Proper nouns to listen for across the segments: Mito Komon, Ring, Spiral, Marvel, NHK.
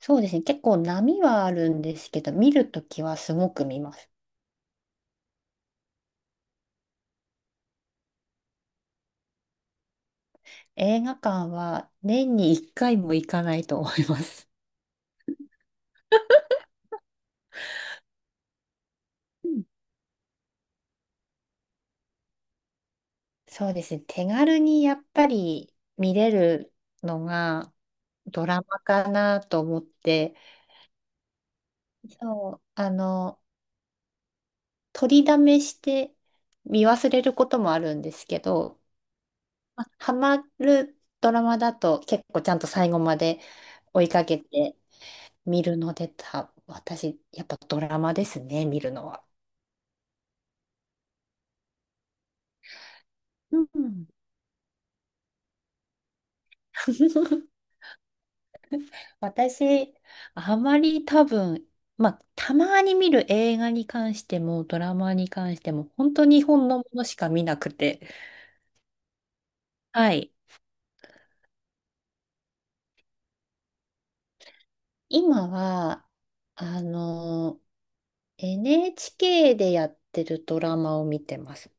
そうですね。結構波はあるんですけど、見るときはすごく見ます。映画館は年に1回も行かないと思います。うん。そうですね。手軽にやっぱり見れるのがドラマかなと思って、そう、取りだめして見忘れることもあるんですけど、まあハマるドラマだと結構ちゃんと最後まで追いかけて見るので私、やっぱドラマですね、見るのは。うん。私、あまり多分、まあ、たまに見る映画に関しても、ドラマに関しても、本当に日本のものしか見なくて。はい。今は、あの、NHK でやってるドラマを見てますっ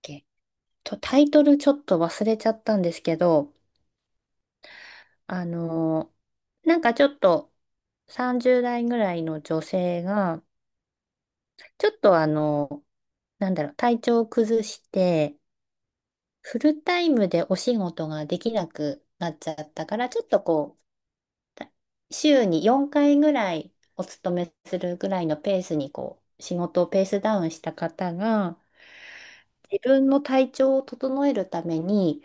け。と、タイトルちょっと忘れちゃったんですけど、なんかちょっと30代ぐらいの女性が、ちょっとなんだろう、体調を崩して、フルタイムでお仕事ができなくなっちゃったから、ちょっとこう、た週に4回ぐらいお勤めするぐらいのペースにこう、仕事をペースダウンした方が、自分の体調を整えるために、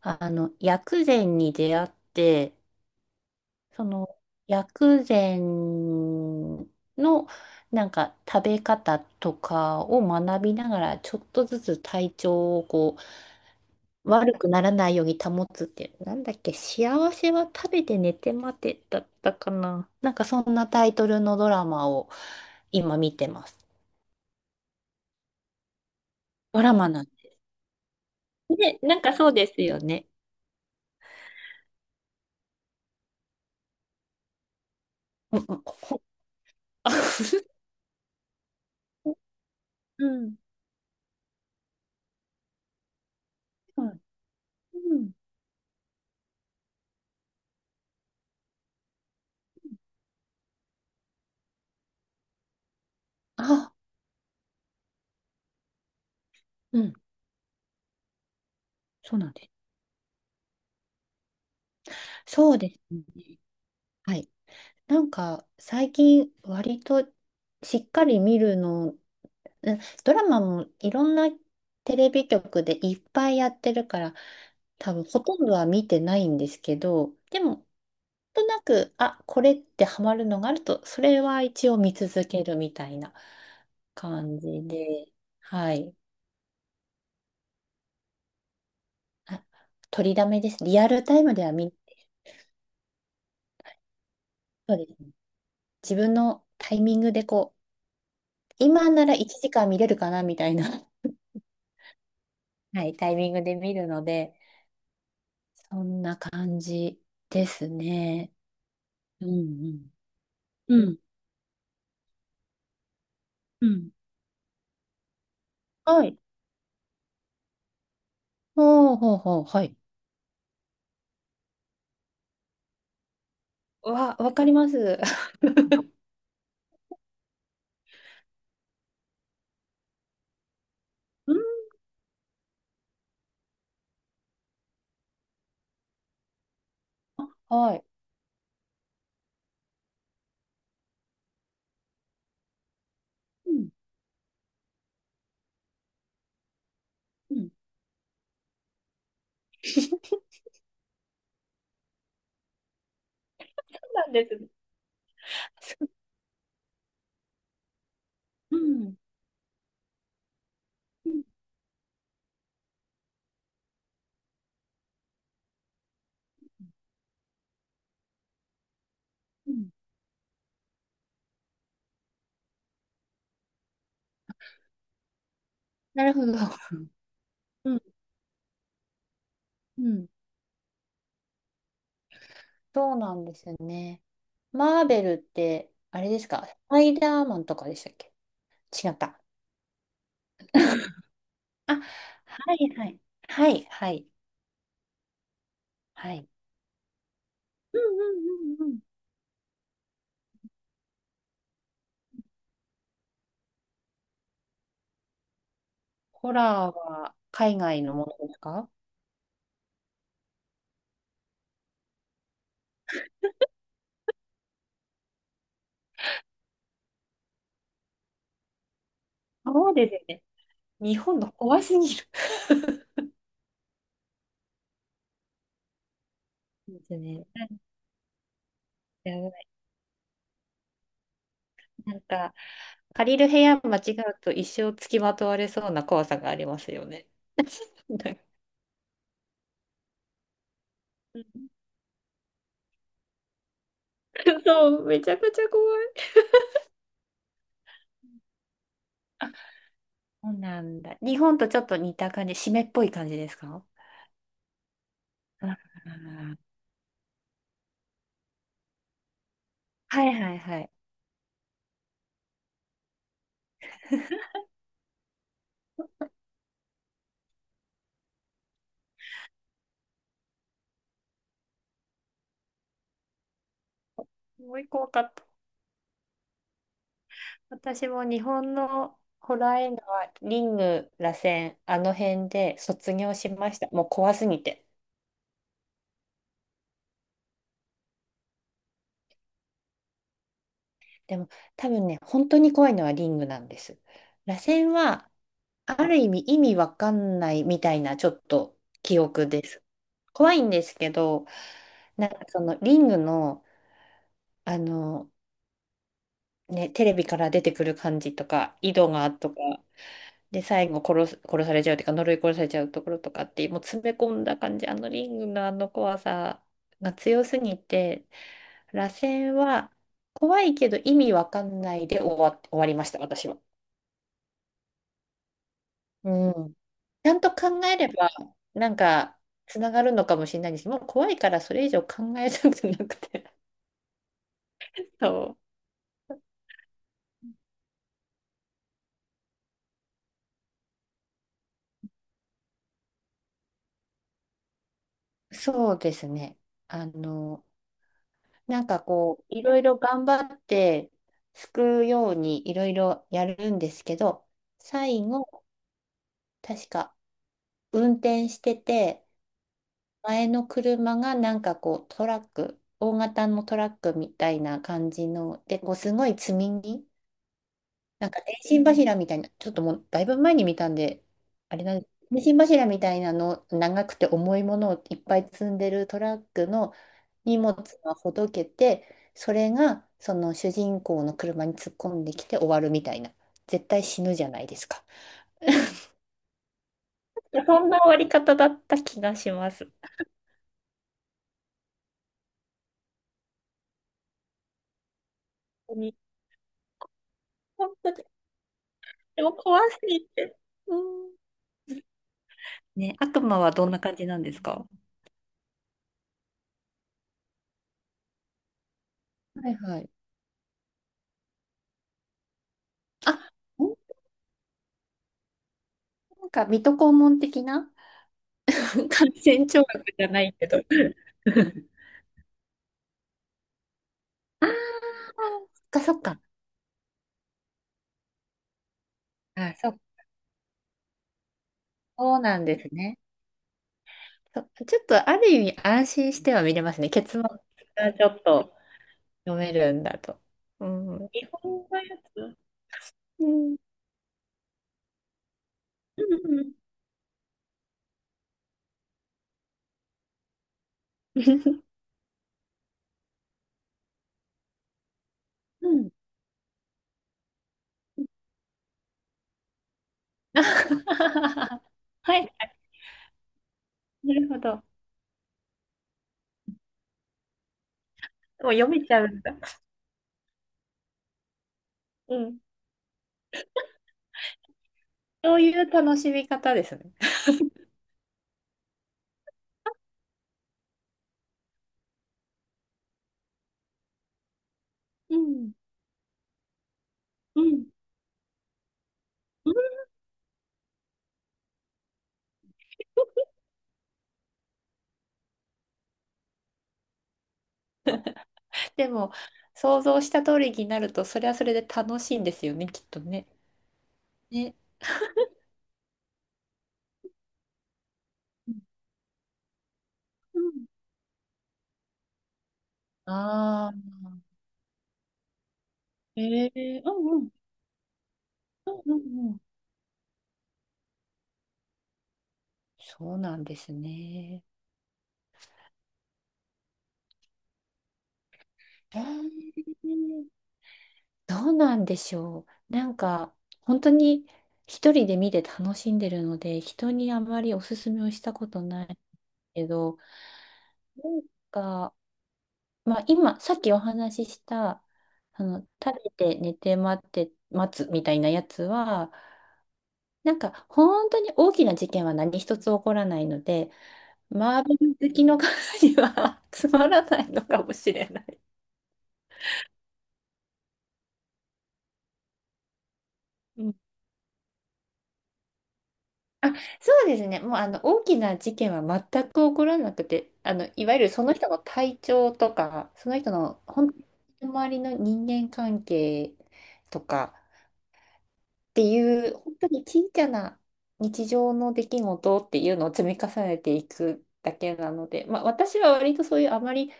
薬膳に出会って、その薬膳のなんか食べ方とかを学びながらちょっとずつ体調をこう悪くならないように保つってなんだっけ、幸せは食べて寝て待てだったかな、なんかそんなタイトルのドラマを今見てます。ドラマなんで。ね、なんかそうですよね。うんうんうん。うん。うん、あ、うん。そうなんです。そうですね。はい。なんか最近割としっかり見るの、うん、ドラマもいろんなテレビ局でいっぱいやってるから、多分ほとんどは見てないんですけど、でもなんとなく、あ、これってハマるのがあると、それは一応見続けるみたいな感じで、はい。あ、取りだめですね。リアルタイムでは見、そうですね。自分のタイミングでこう、今なら1時間見れるかなみたいな、はい、タイミングで見るので、そんな感じですね。うんうん。うん、うん。はい。ほうほうほう、はい。わかります。うん、はい。うん、うん、そうなんですね。うん。うん、うん。なるほど。うん、うん。そうなんですよね。マーベルって、あれですか、スパイダーマンとかでしたっけ？違った。あ、はいはい。はいはい。はい。うん、うん、うんうん。ホラーは海外のものですか？そうですね。日本の怖すぎる。そうですね。なんかやばい。なんか、借りる部屋間違うと一生付きまとわれそうな怖さがありますよね。なんか、うん、そう、めちゃくちゃ怖い。あ、そうなんだ。日本とちょっと似た感じ、湿っぽい感じですか？あー、はいはいはい。すごい怖かった。私も日本のホラー映画は、リング、螺旋、あの辺で卒業しました。もう怖すぎて。でも多分ね、本当に怖いのはリングなんです。螺旋は、ある意味意味わかんないみたいなちょっと記憶です。怖いんですけど、なんかそのリングの、あの、ね、テレビから出てくる感じとか、井戸がとか、で、最後殺されちゃうっていうか、呪い殺されちゃうところとかって、もう詰め込んだ感じ、あのリングのあの怖さが強すぎて、螺旋は怖いけど意味わかんないで終わりました、私は。うん。ちゃんと考えれば、なんか、つながるのかもしれないんですけど、もう怖いからそれ以上考えたくなくて。そう。そうですね。あの、なんかこう、いろいろ頑張って、救うようにいろいろやるんですけど、最後、確か運転してて、前の車がなんかこう、トラック、大型のトラックみたいな感じの、で、こう、すごい積み荷、なんか電信柱みたいな、ちょっともうだいぶ前に見たんで、あれなんです。電信柱みたいなの、長くて重いものをいっぱい積んでるトラックの荷物がほどけて、それがその主人公の車に突っ込んできて終わるみたいな。絶対死ぬじゃないですか。そんな終わり方だった気がします。本当に、本当にでも怖すぎて。うん。ね、悪魔はどんな感じなんですか？はいはい。あ、なんか水戸黄門的な、感染症学じゃないけど。ああ、そっかそっか。あ、そうなんですね。そ、ちょっとある意味安心しては見れますね。結末がちょっと読めるんだと。うん。日本のやつ、うん。うんうんうん。うん。はい。はい、なるほど。もう読めちゃうんだ。うん。そういう楽しみ方ですね。うん。うん。でも、想像した通りになると、それはそれで楽しいんですよね、きっとね。ね。うん、ああ、ええ、うんうん、うんうんうん。そうなんですね。えーどうなんでしょう。なんか、本当に一人で見て楽しんでるので、人にあまりおすすめをしたことないけど、なんか、まあ今、さっきお話しした、食べて寝て待って待つみたいなやつは、なんか本当に大きな事件は何一つ起こらないので、マーベル好きの方には つまらないのかもしれない。うん。あ、そうですね。もうあの大きな事件は全く起こらなくて、あのいわゆるその人の体調とか、その人の本当に周りの人間関係とかっていう、本当に小さな日常の出来事っていうのを積み重ねていくだけなので、まあ、私は割とそういう、あまり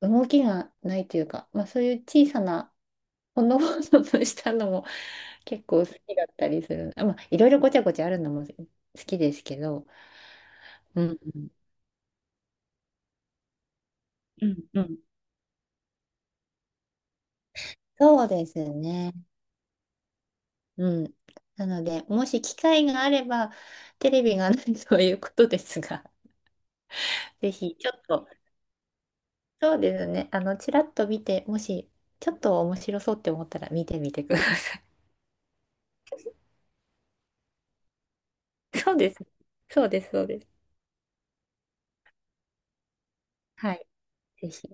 動きがないというか、まあ、そういう小さなほのぼのとしたのも 結構好きだったりする。あ、まあ、いろいろごちゃごちゃあるのも好きですけど、うん、うん、うんうん。そうですね。うん。なので、もし機会があれば、テレビがないということですが、ぜひちょっと、そうですね、ちらっと見て、もし、ちょっと面白そうって思ったら見てみてください。そうです。そうです、そうです。はい、ぜひ。